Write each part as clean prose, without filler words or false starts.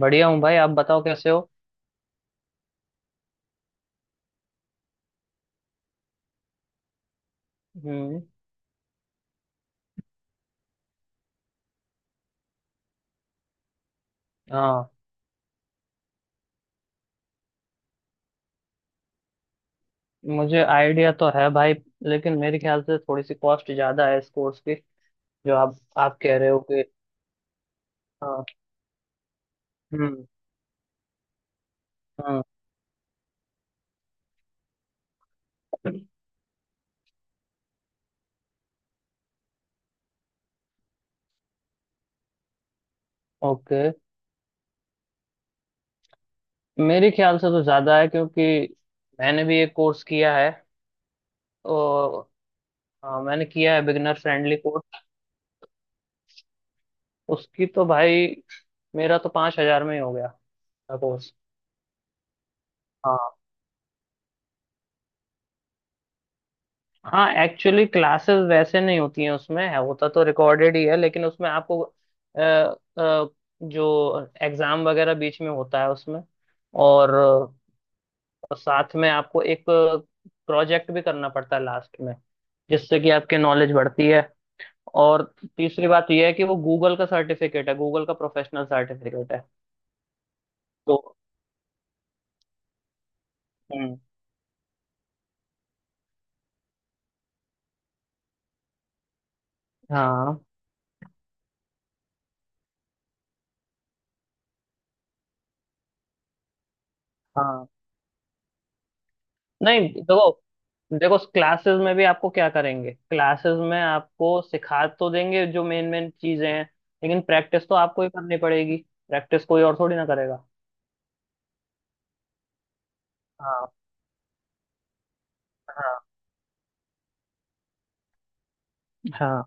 बढ़िया हूँ भाई आप बताओ कैसे हो। हम्म। हाँ। मुझे आइडिया तो है भाई। लेकिन मेरे ख्याल से थोड़ी सी कॉस्ट ज्यादा है इस कोर्स की। जो आप कह रहे हो कि हाँ। हम्म। हम्म। ओके। मेरे ख्याल से तो ज्यादा है क्योंकि मैंने भी एक कोर्स किया है। और हाँ मैंने किया है बिगनर फ्रेंडली कोर्स। उसकी तो भाई मेरा तो 5 हजार में ही हो गया था कोर्स। हाँ। हाँ एक्चुअली क्लासेस वैसे नहीं होती हैं उसमें है होता तो रिकॉर्डेड ही है। लेकिन उसमें आपको जो एग्जाम वगैरह बीच में होता है उसमें और साथ में आपको एक प्रोजेक्ट भी करना पड़ता है लास्ट में जिससे कि आपकी नॉलेज बढ़ती है। और तीसरी बात यह है कि वो गूगल का सर्टिफिकेट है गूगल का प्रोफेशनल सर्टिफिकेट है। तो हम्म। हाँ, हाँ। नहीं देखो। देखो क्लासेस में भी आपको क्या करेंगे। क्लासेस में आपको सिखा तो देंगे जो मेन मेन चीजें हैं। लेकिन प्रैक्टिस तो आपको ही करनी पड़ेगी। प्रैक्टिस कोई और थोड़ी ना करेगा। हाँ, हाँ। हाँ।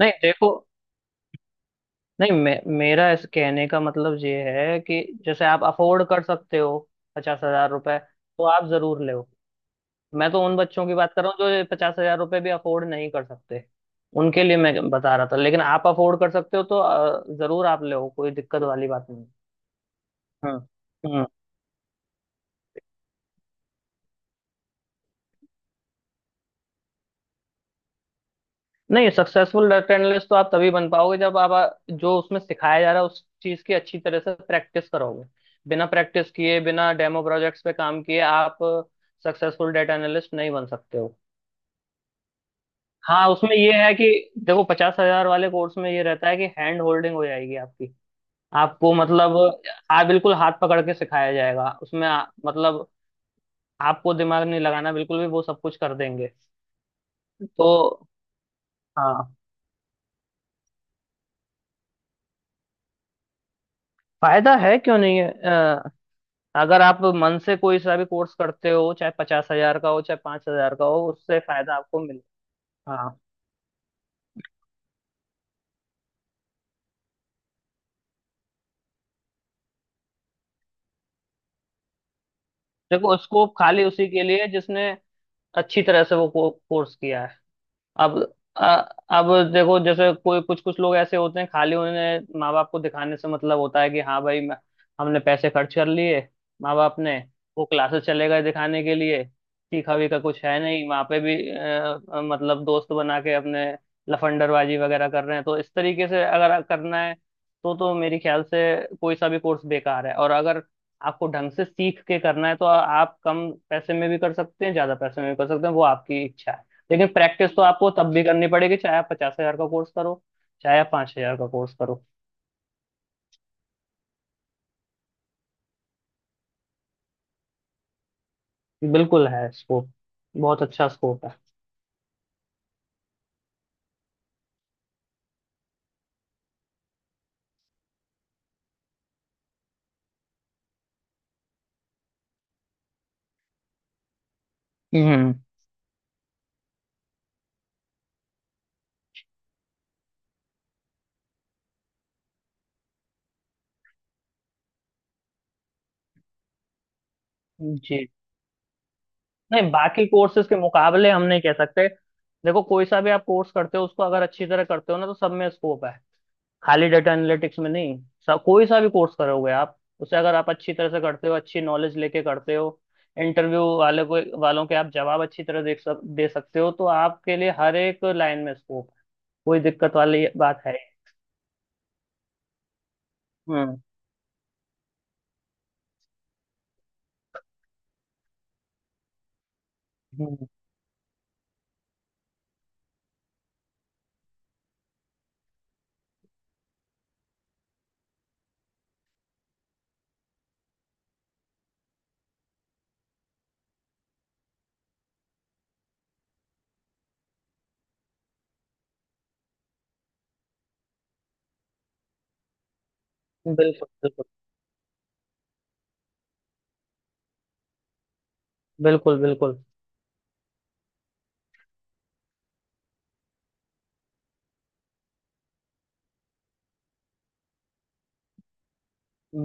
नहीं देखो। नहीं मेरा इस कहने का मतलब ये है कि जैसे आप अफोर्ड कर सकते हो 50 हजार रुपए तो आप जरूर लो। मैं तो उन बच्चों की बात कर रहा हूँ जो 50 हजार रुपये भी अफोर्ड नहीं कर सकते। उनके लिए मैं बता रहा था। लेकिन आप अफोर्ड कर सकते हो तो जरूर आप ले कोई दिक्कत वाली बात नहीं। हाँ। हम्म। नहीं सक्सेसफुल डाटा एनालिस्ट तो आप तभी बन पाओगे जब आप जो उसमें सिखाया जा रहा है उस चीज की अच्छी तरह से प्रैक्टिस करोगे। बिना प्रैक्टिस किए बिना डेमो प्रोजेक्ट्स पे काम किए आप सक्सेसफुल डाटा एनालिस्ट नहीं बन सकते हो। हाँ उसमें ये है कि देखो 50 हजार वाले कोर्स में ये रहता है कि हैंड होल्डिंग हो जाएगी आपकी। आपको मतलब हाँ बिल्कुल हाथ पकड़ के सिखाया जाएगा उसमें मतलब आपको दिमाग नहीं लगाना बिल्कुल भी वो सब कुछ कर देंगे। तो हाँ फायदा है क्यों नहीं है अगर आप मन से कोई सा भी कोर्स करते हो चाहे पचास हजार का हो चाहे 5 हजार का हो उससे फायदा आपको मिले। हाँ देखो उसको खाली उसी के लिए जिसने अच्छी तरह से वो कोर्स किया है। अब अ- अब देखो जैसे कोई कुछ कुछ लोग ऐसे होते हैं खाली उन्हें माँ बाप को दिखाने से मतलब होता है कि हाँ भाई हमने पैसे खर्च कर लिए माँ बाप ने। वो क्लासेस चले गए दिखाने के लिए सीखा वीखा कुछ है नहीं वहाँ पे भी मतलब दोस्त बना के अपने लफंडरबाजी वगैरह कर रहे हैं। तो इस तरीके से अगर करना है तो मेरे ख्याल से कोई सा भी कोर्स बेकार है। और अगर आपको ढंग से सीख के करना है तो आप कम पैसे में भी कर सकते हैं ज्यादा पैसे में भी कर सकते हैं वो आपकी इच्छा है। लेकिन प्रैक्टिस तो आपको तब भी करनी पड़ेगी चाहे आप 50 हजार का कोर्स करो चाहे आप 5 हजार का कोर्स करो। बिल्कुल है स्कोप। बहुत अच्छा स्कोप है। हम्म। जी। नहीं बाकी कोर्सेज के मुकाबले हम नहीं कह सकते। देखो कोई सा भी आप कोर्स करते हो उसको अगर अच्छी तरह करते हो ना तो सब में स्कोप है। खाली डेटा एनालिटिक्स में नहीं। सब कोई सा भी कोर्स करोगे आप उसे अगर आप अच्छी तरह से करते हो अच्छी नॉलेज लेके करते हो इंटरव्यू वाले को वालों के आप जवाब अच्छी तरह दे सकते हो तो आपके लिए हर एक लाइन में स्कोप। कोई दिक्कत वाली बात है। हम्म। हम्म, बिल्कुल बिल्कुल, बिल्कुल। बिल्कुल,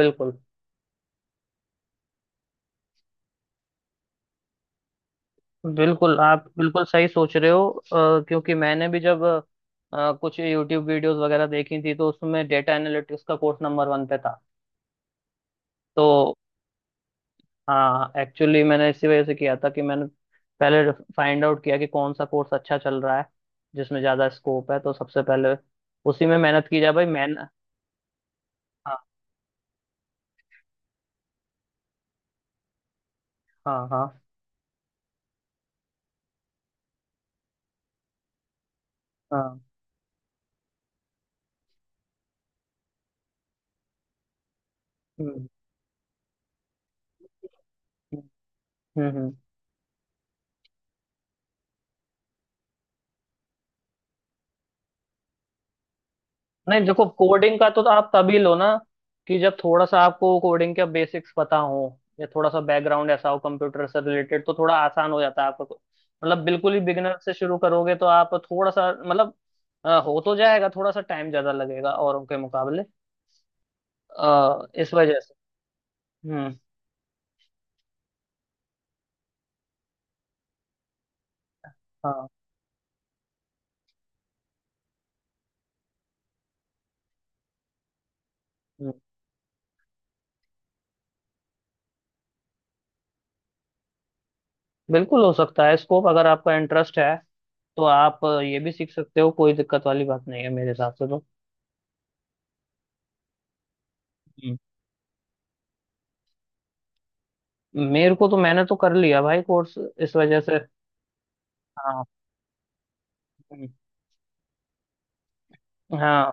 बिल्कुल। बिल्कुल आप बिल्कुल सही सोच रहे हो क्योंकि मैंने भी जब कुछ यूट्यूब वीडियोस वगैरह देखी थी तो उसमें डेटा एनालिटिक्स का कोर्स नंबर 1 पे था। तो हाँ एक्चुअली मैंने इसी वजह से किया था कि मैंने पहले फाइंड आउट किया कि कौन सा कोर्स अच्छा चल रहा है जिसमें ज़्यादा स्कोप है तो सबसे पहले उसी में मेहनत की जाए भाई मैन। हाँ, हाँ, हाँ, हाँ। हम्म, हम्म, हम्म, नहीं देखो कोडिंग का तो आप तभी लो ना कि जब थोड़ा सा आपको कोडिंग के बेसिक्स पता हो या थोड़ा सा बैकग्राउंड ऐसा हो कंप्यूटर से रिलेटेड तो थोड़ा आसान हो जाता है आपको। मतलब बिल्कुल ही बिगिनर से शुरू करोगे तो आप थोड़ा सा मतलब हो तो जाएगा थोड़ा सा टाइम ज्यादा लगेगा औरों के मुकाबले इस वजह से। हम्म। हाँ। हम्म। बिल्कुल हो सकता है स्कोप अगर आपका इंटरेस्ट है तो आप ये भी सीख सकते हो कोई दिक्कत वाली बात नहीं है मेरे हिसाब से तो। हम्म। मेरे को तो मैंने तो कर लिया भाई कोर्स इस वजह से। हाँ। हम्म। हाँ।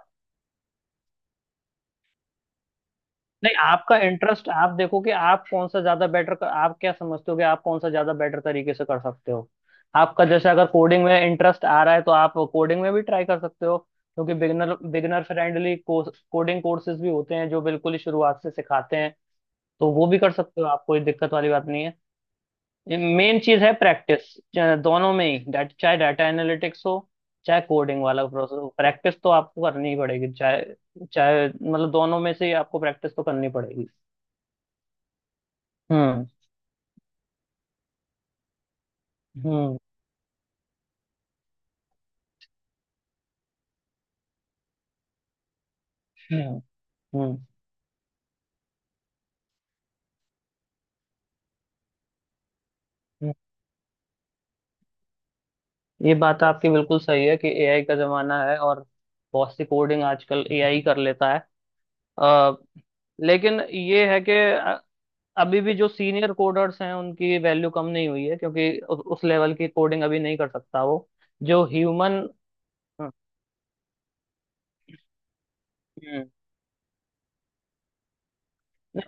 नहीं आपका इंटरेस्ट आप देखो कि आप कौन सा ज्यादा बेटर आप क्या समझते हो कि आप कौन सा ज्यादा बेटर तरीके से कर सकते हो। आपका जैसे अगर कोडिंग में इंटरेस्ट आ रहा है तो आप कोडिंग में भी ट्राई कर सकते हो क्योंकि beginner beginner friendly coding courses भी होते हैं जो बिल्कुल ही शुरुआत से सिखाते हैं। तो वो भी कर सकते हो आप कोई दिक्कत वाली बात नहीं है। मेन चीज है प्रैक्टिस। दोनों में ही चाहे डाटा एनालिटिक्स हो चाहे कोडिंग वाला प्रोसेस प्रैक्टिस तो आपको करनी ही पड़ेगी। चाहे चाहे मतलब दोनों में से ही आपको प्रैक्टिस तो करनी पड़ेगी। हम्म, हम्म, हम्म, हम्म। हम्म। ये बात आपकी बिल्कुल सही है कि एआई का जमाना है और बहुत सी कोडिंग आजकल एआई कर लेता है। अ, लेकिन ये है कि अभी भी जो सीनियर कोडर्स हैं उनकी वैल्यू कम नहीं हुई है क्योंकि उस लेवल की कोडिंग अभी नहीं कर सकता वो। जो ह्यूमन। हम्म। हम्म। नहीं,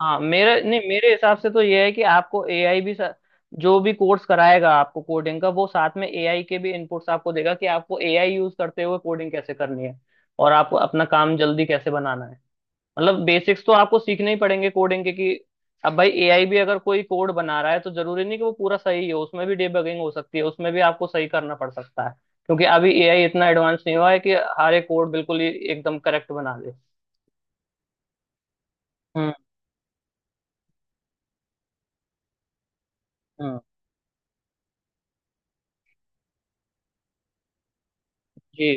हाँ मेरे नहीं मेरे हिसाब से तो ये है कि आपको एआई भी जो भी कोर्स कराएगा आपको कोडिंग का वो साथ में एआई के भी इनपुट्स आपको देगा कि आपको एआई यूज करते हुए कोडिंग कैसे करनी है। और आपको अपना काम जल्दी कैसे बनाना है। मतलब बेसिक्स तो आपको सीखने ही पड़ेंगे कोडिंग के कि अब भाई एआई भी अगर कोई कोड बना रहा है तो जरूरी नहीं कि वो पूरा सही हो उसमें भी डिबगिंग हो सकती है उसमें भी आपको सही करना पड़ सकता है। क्योंकि अभी एआई इतना एडवांस नहीं हुआ है कि हर एक कोड बिल्कुल ही एकदम करेक्ट बना दे। हम्म। हम्म। जी,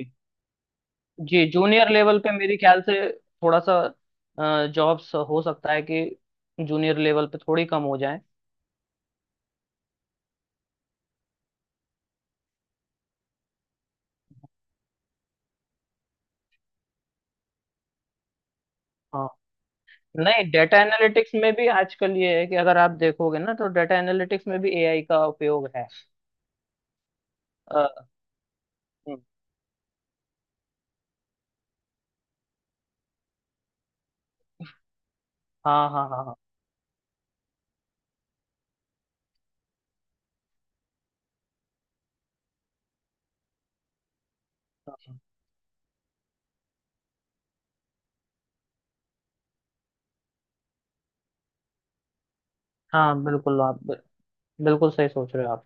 जी। जूनियर लेवल पे मेरे ख्याल से थोड़ा सा जॉब्स हो सकता है कि जूनियर लेवल पे थोड़ी कम हो जाए। हाँ। नहीं डेटा एनालिटिक्स में भी आजकल ये है कि अगर आप देखोगे ना तो डेटा एनालिटिक्स में भी एआई का उपयोग है। अ, हम्म। हाँ, हाँ, हाँ, हाँ। हाँ बिल्कुल आप बिल्कुल सही सोच रहे हो आप।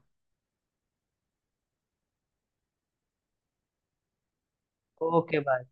Okay bye.